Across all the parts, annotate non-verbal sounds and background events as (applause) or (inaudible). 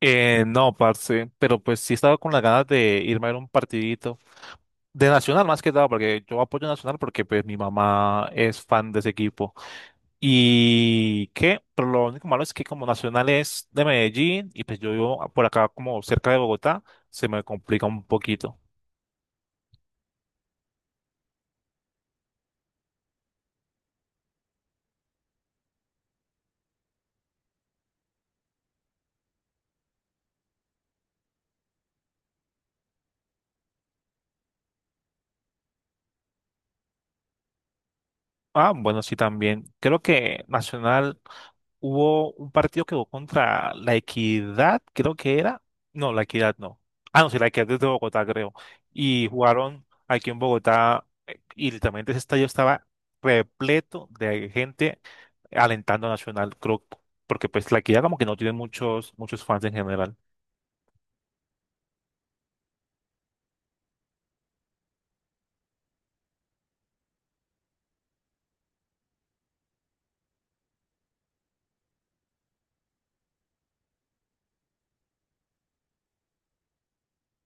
No, parce, pero pues sí estaba con las ganas de irme a ver un partidito de Nacional más que nada, porque yo apoyo a Nacional porque pues mi mamá es fan de ese equipo. Y qué, pero lo único malo es que como Nacional es de Medellín y pues yo vivo por acá como cerca de Bogotá, se me complica un poquito. Ah, bueno, sí también. Creo que Nacional hubo un partido que jugó contra La Equidad, creo que era. No, La Equidad no. Ah, no, sí, La Equidad es de Bogotá, creo. Y jugaron aquí en Bogotá y literalmente ese estadio estaba repleto de gente alentando a Nacional, creo, porque pues La Equidad como que no tiene muchos fans en general.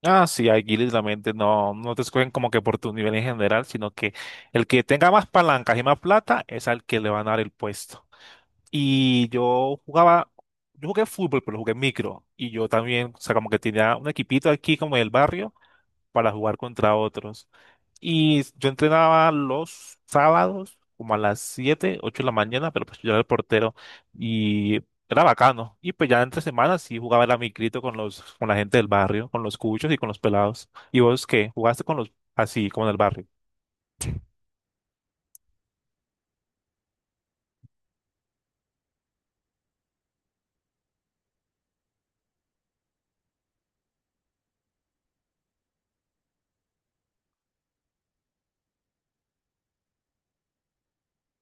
Ah, sí, aquí literalmente no, no te escogen como que por tu nivel en general, sino que el que tenga más palancas y más plata es al que le van a dar el puesto. Y yo jugaba, yo jugué fútbol, pero jugué micro. Y yo también, o sea, como que tenía un equipito aquí como del barrio para jugar contra otros. Y yo entrenaba los sábados como a las 7 8 de la mañana, pero pues yo era el portero y era bacano. Y pues ya entre semanas sí jugaba la micrito con la gente del barrio, con los cuchos y con los pelados. ¿Y vos qué? ¿Jugaste con los así, como en el barrio?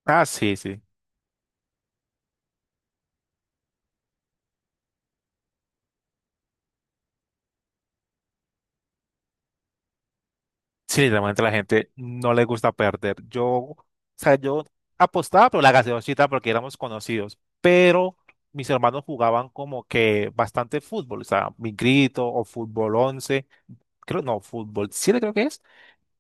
Ah, sí, sí. Sí, literalmente la gente no le gusta perder. Yo, o sea, yo apostaba por la gaseosita porque éramos conocidos, pero mis hermanos jugaban como que bastante fútbol, o sea, mi grito o fútbol 11, creo, no, fútbol 7 creo que es,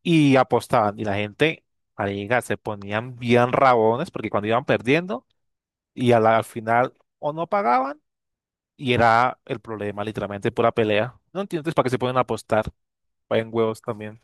y apostaban. Y la gente, marica, se ponían bien rabones porque cuando iban perdiendo y al final o no pagaban y era el problema, literalmente pura pelea. No entiendo entonces para qué se pueden apostar, vayan huevos también.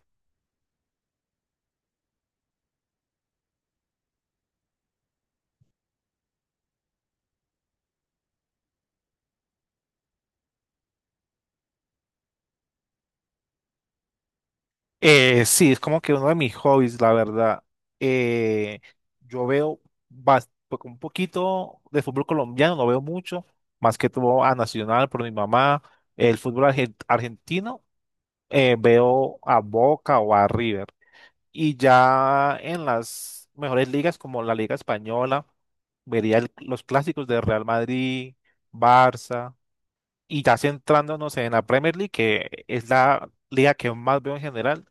Sí, es como que uno de mis hobbies, la verdad. Eh, yo veo pues, un poquito de fútbol colombiano, no veo mucho, más que todo a Nacional por mi mamá, el fútbol argentino, veo a Boca o a River. Y ya en las mejores ligas como la Liga Española, vería los clásicos de Real Madrid, Barça. Y ya centrándonos en la Premier League, que es la liga que más veo en general,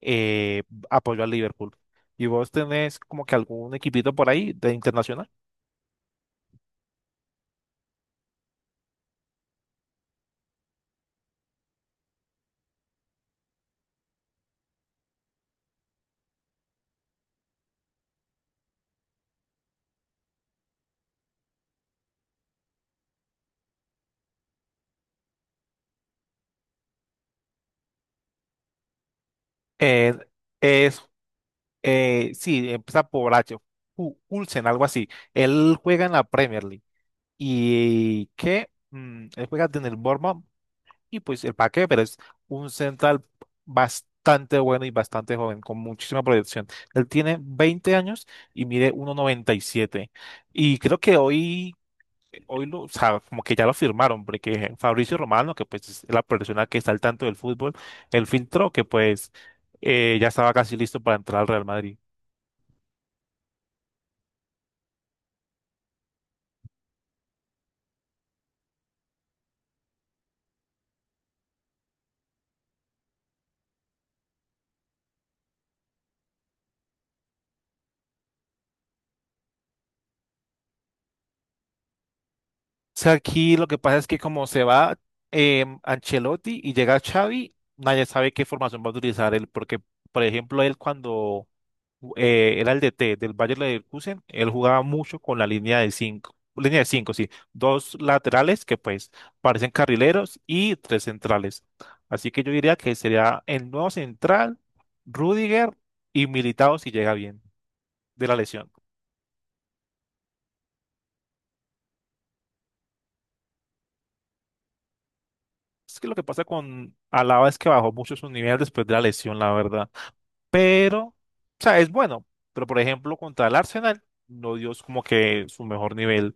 eh, apoyo al Liverpool. ¿Y vos tenés como que algún equipito por ahí de internacional? Eh, es, sí, empieza por H, Hulsen, algo así. Él juega en la Premier League. ¿Y qué? Él juega en el Bournemouth. Y pues el Paqué, pero es un central bastante bueno y bastante joven, con muchísima proyección. Él tiene 20 años y mide 1,97. Y siete. Y creo que hoy lo, o sea, como que ya lo firmaron, porque Fabricio Romano, que pues es la persona que está al tanto del fútbol, él filtró que pues ya estaba casi listo para entrar al Real Madrid. O sea, aquí lo que pasa es que como se va Ancelotti y llega Xavi, nadie sabe qué formación va a utilizar él, porque, por ejemplo, él cuando era el DT del Bayern Leverkusen, él jugaba mucho con la línea de cinco, sí, dos laterales que pues parecen carrileros y tres centrales. Así que yo diría que sería el nuevo central, Rudiger y Militao si llega bien de la lesión. Es que lo que pasa con Alaba es que bajó mucho su nivel después de la lesión, la verdad. Pero, o sea, es bueno. Pero, por ejemplo, contra el Arsenal no dio como que su mejor nivel.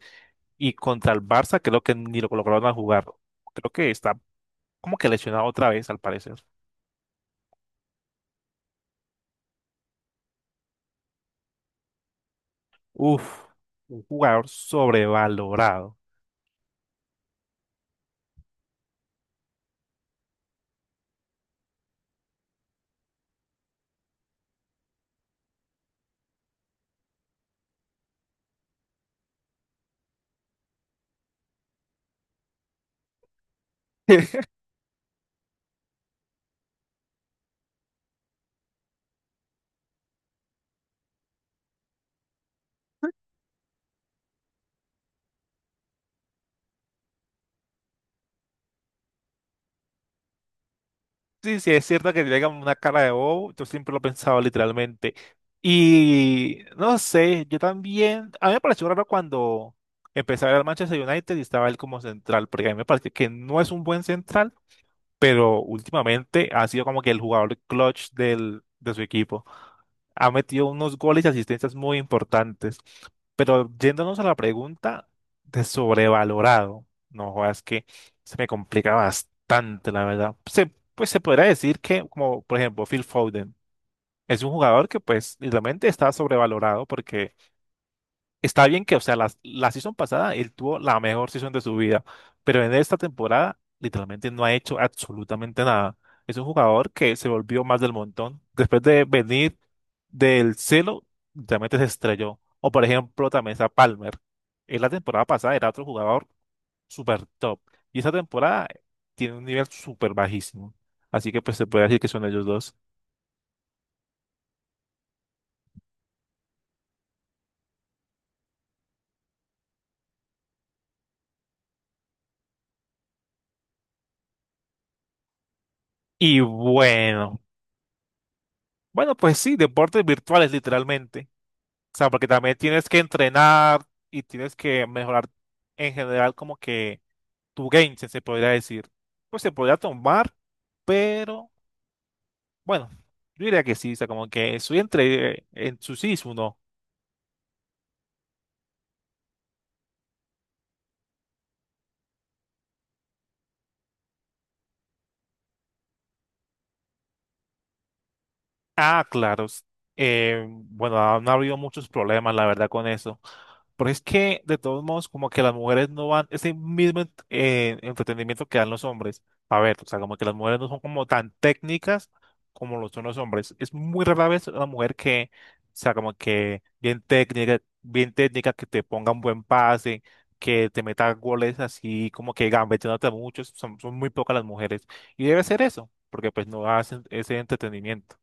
Y contra el Barça creo que ni lo colocaron a jugar. Creo que está como que lesionado otra vez, al parecer. Uf, un jugador sobrevalorado. (laughs) Sí, sí, es cierto que tiene como una cara de bobo, yo siempre lo he pensado literalmente. Y no sé, yo también, a mí me pareció raro cuando empecé a ver al Manchester United y estaba él como central, porque a mí me parece que no es un buen central, pero últimamente ha sido como que el jugador clutch de su equipo. Ha metido unos goles y asistencias muy importantes. Pero yéndonos a la pregunta de sobrevalorado, no jodas que se me complica bastante, la verdad. Pues se podría decir que, como por ejemplo, Phil Foden es un jugador que pues literalmente está sobrevalorado porque está bien que, o sea, la season pasada él tuvo la mejor season de su vida, pero en esta temporada literalmente no ha hecho absolutamente nada. Es un jugador que se volvió más del montón. Después de venir del cielo, literalmente se estrelló. O por ejemplo, también está Palmer. En la temporada pasada era otro jugador super top. Y esta temporada tiene un nivel super bajísimo. Así que pues se puede decir que son ellos dos. Y bueno, bueno, pues sí, deportes virtuales literalmente. O sea, porque también tienes que entrenar y tienes que mejorar en general como que tu game, se podría decir. Pues se podría tomar, pero bueno, yo diría que sí, o sea, como que estoy entre en su sí. Ah, claro. Bueno, han habido muchos problemas, la verdad, con eso. Pero es que, de todos modos, como que las mujeres no van, ese mismo entretenimiento que dan los hombres. A ver, o sea, como que las mujeres no son como tan técnicas como lo son los hombres. Es muy rara vez una mujer que, o sea, como que bien técnica, que te ponga un buen pase, que te meta goles así, como que gambeteándote mucho. Son muy pocas las mujeres. Y debe ser eso, porque pues no hacen ese entretenimiento.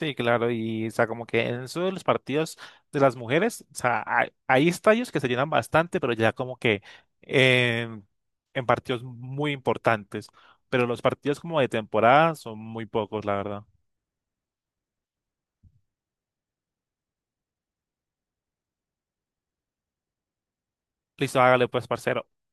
Sí, claro, y o sea, como que en eso de los partidos de las mujeres, o sea, hay estadios que se llenan bastante, pero ya como que en en partidos muy importantes, pero los partidos como de temporada son muy pocos, la verdad. Listo, hágale pues, parcero.